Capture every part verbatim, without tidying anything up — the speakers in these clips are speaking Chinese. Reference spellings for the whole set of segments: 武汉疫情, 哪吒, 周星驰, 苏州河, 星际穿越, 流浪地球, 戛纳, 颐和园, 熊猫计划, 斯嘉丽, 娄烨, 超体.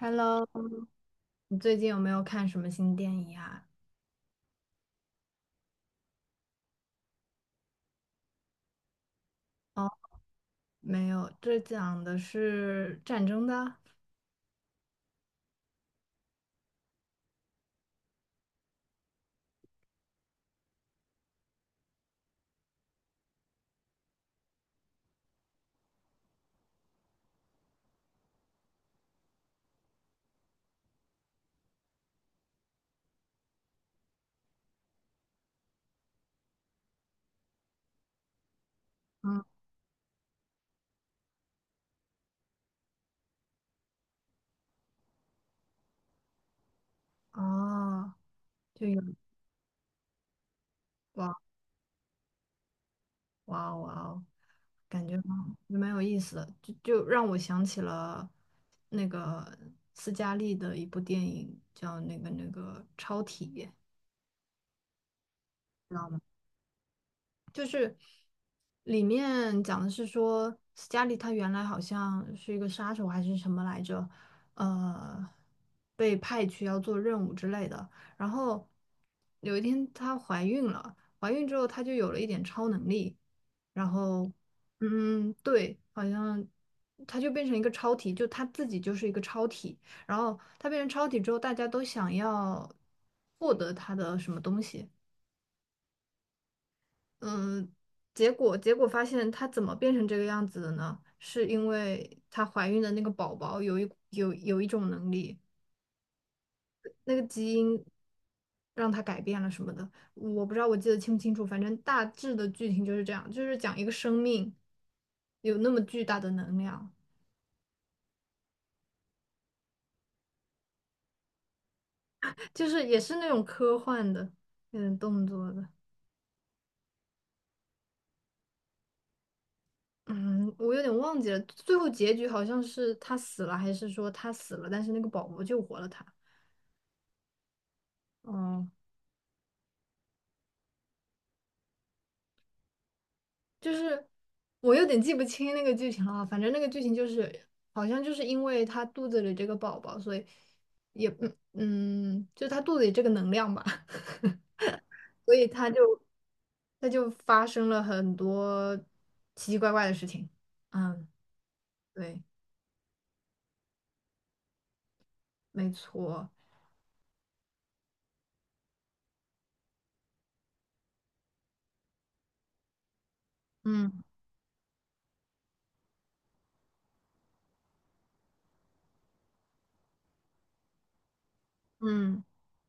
Hello，你最近有没有看什么新电影啊？哦，没有，这讲的是战争的。嗯，哦，就有哇哇哦哇哦，感觉蛮有意思的，就就让我想起了那个斯嘉丽的一部电影，叫那个那个《超体》。就是里面讲的是说，斯嘉丽她原来好像是一个杀手还是什么来着，呃，被派去要做任务之类的。然后有一天她怀孕了，怀孕之后她就有了一点超能力，然后嗯，对，好像。她就变成一个超体，就她自己就是一个超体。然后她变成超体之后，大家都想要获得她的什么东西。嗯，结果结果发现她怎么变成这个样子的呢？是因为她怀孕的那个宝宝有一有有一种能力，那个基因让她改变了什么的，我不知道我记得清不清楚，反正大致的剧情就是这样，就是讲一个生命有那么巨大的能量，就是也是那种科幻的，有点动作的。嗯，我有点忘记了，最后结局好像是她死了，还是说她死了，但是那个宝宝救活了她。哦，就是我有点记不清那个剧情了啊反正那个剧情就是好像就是因为他肚子里这个宝宝，所以也嗯嗯，就他肚子里这个能量吧，所以他就他就发生了很多奇奇怪怪的事情。嗯，对，没错，嗯嗯，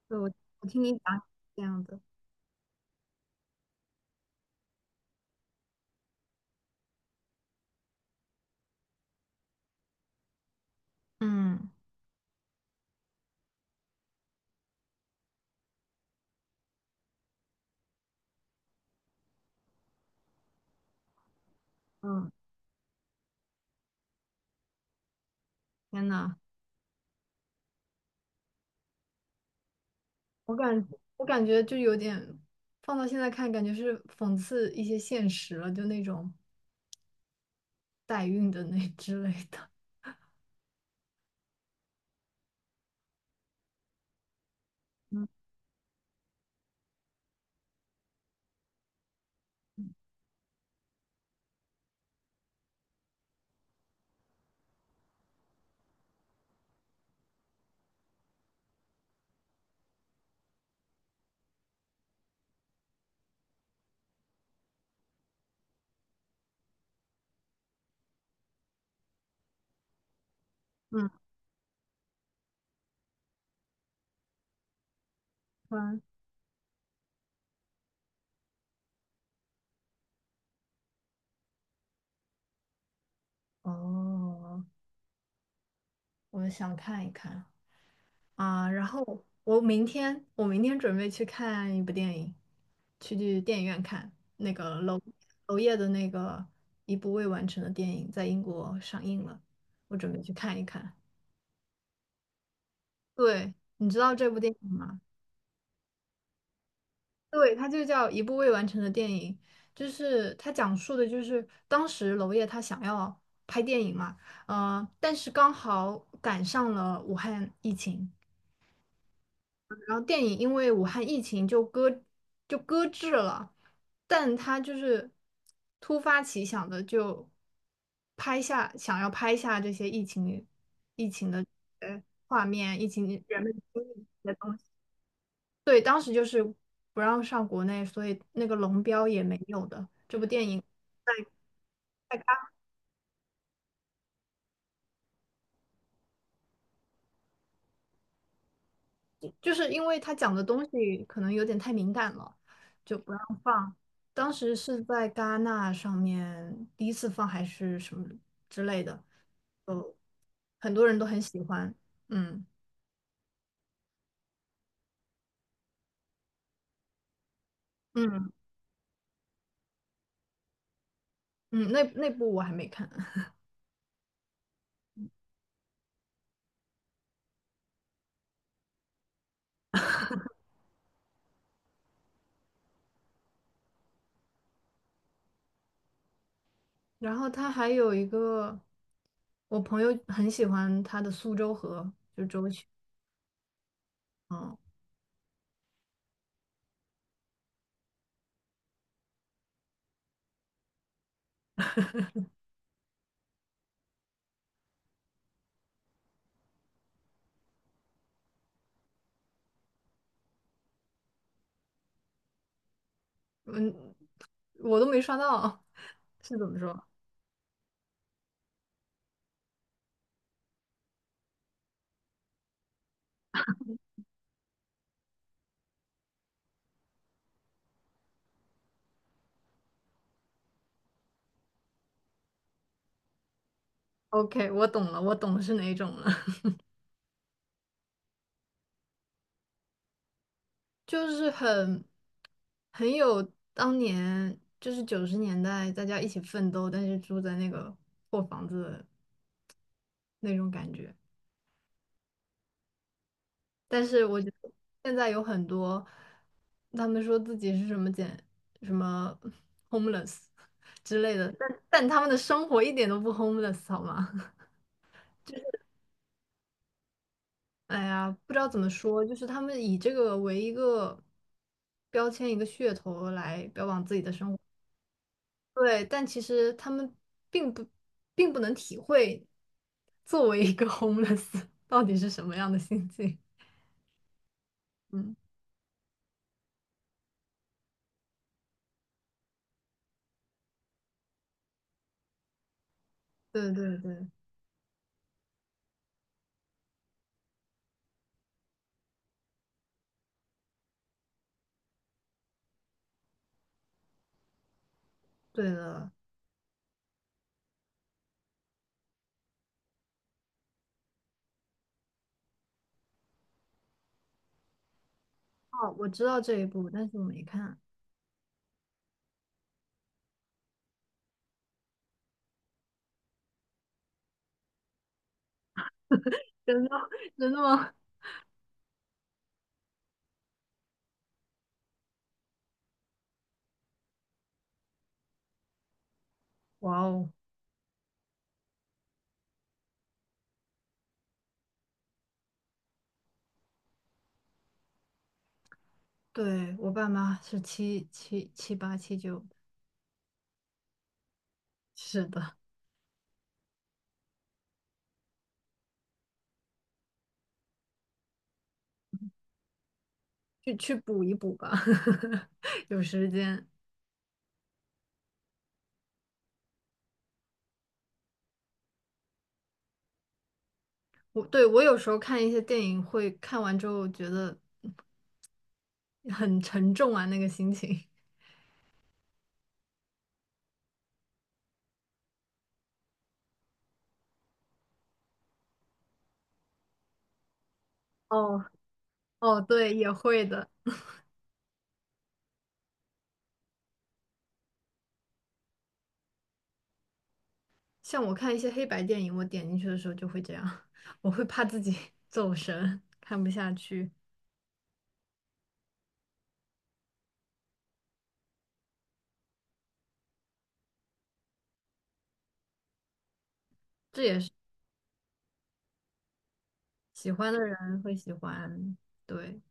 对，我我听你讲这样的，嗯嗯，天呐，我感我感觉就有点放到现在看，感觉是讽刺一些现实了，就那种。代孕的那之类的。嗯嗯嗯，哦，我想看一看啊，然后我明天我明天准备去看一部电影，去去电影院看那个娄娄烨的那个一部未完成的电影，在英国上映了，我准备去看一看。对，你知道这部电影吗？对，它就叫一部未完成的电影，就是它讲述的就是当时娄烨他想要拍电影嘛，呃，但是刚好赶上了武汉疫情，然后电影因为武汉疫情就搁就搁置了，但他就是突发奇想的就拍下想要拍下这些疫情疫情的呃画面，疫情人们的经历的东西。对，当时就是不让上国内，所以那个龙标也没有的。这部电影在在就是因为它讲的东西可能有点太敏感了，就不让放。当时是在戛纳上面第一次放还是什么之类的，就很多人都很喜欢。嗯嗯嗯，那那部我还没看。然后他还有一个，我朋友很喜欢他的《苏州河》。嗯。嗯，我都没刷到，是怎么说？OK，我懂了，我懂是哪种了，就是很很有当年就是九十年代大家一起奋斗，但是住在那个破房子的那种感觉。但是我觉得现在有很多，他们说自己是什么简什么 homeless 之类的，但但他们的生活一点都不 homeless 好吗？哎呀，不知道怎么说，就是他们以这个为一个标签、一个噱头来标榜自己的生活，对，但其实他们并不并不能体会作为一个 homeless 到底是什么样的心境。嗯，对对对，对的。哦，我知道这一部，但是我没看。真的 真的吗？哇哦，对，我爸妈是七七七八七九，是的，去去补一补吧，有时间。我对我有时候看一些电影会看完之后觉得很沉重啊，那个心情。哦，哦，对，也会的。像我看一些黑白电影，我点进去的时候就会这样，我会怕自己 走神，看不下去。这也是喜欢的人会喜欢。对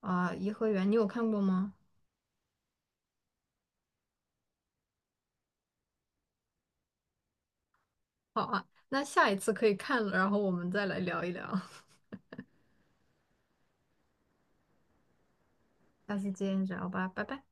啊，颐和园》你有看过吗？好啊，那下一次可以看了，然后我们再来聊一聊。下次见，这样吧，拜拜。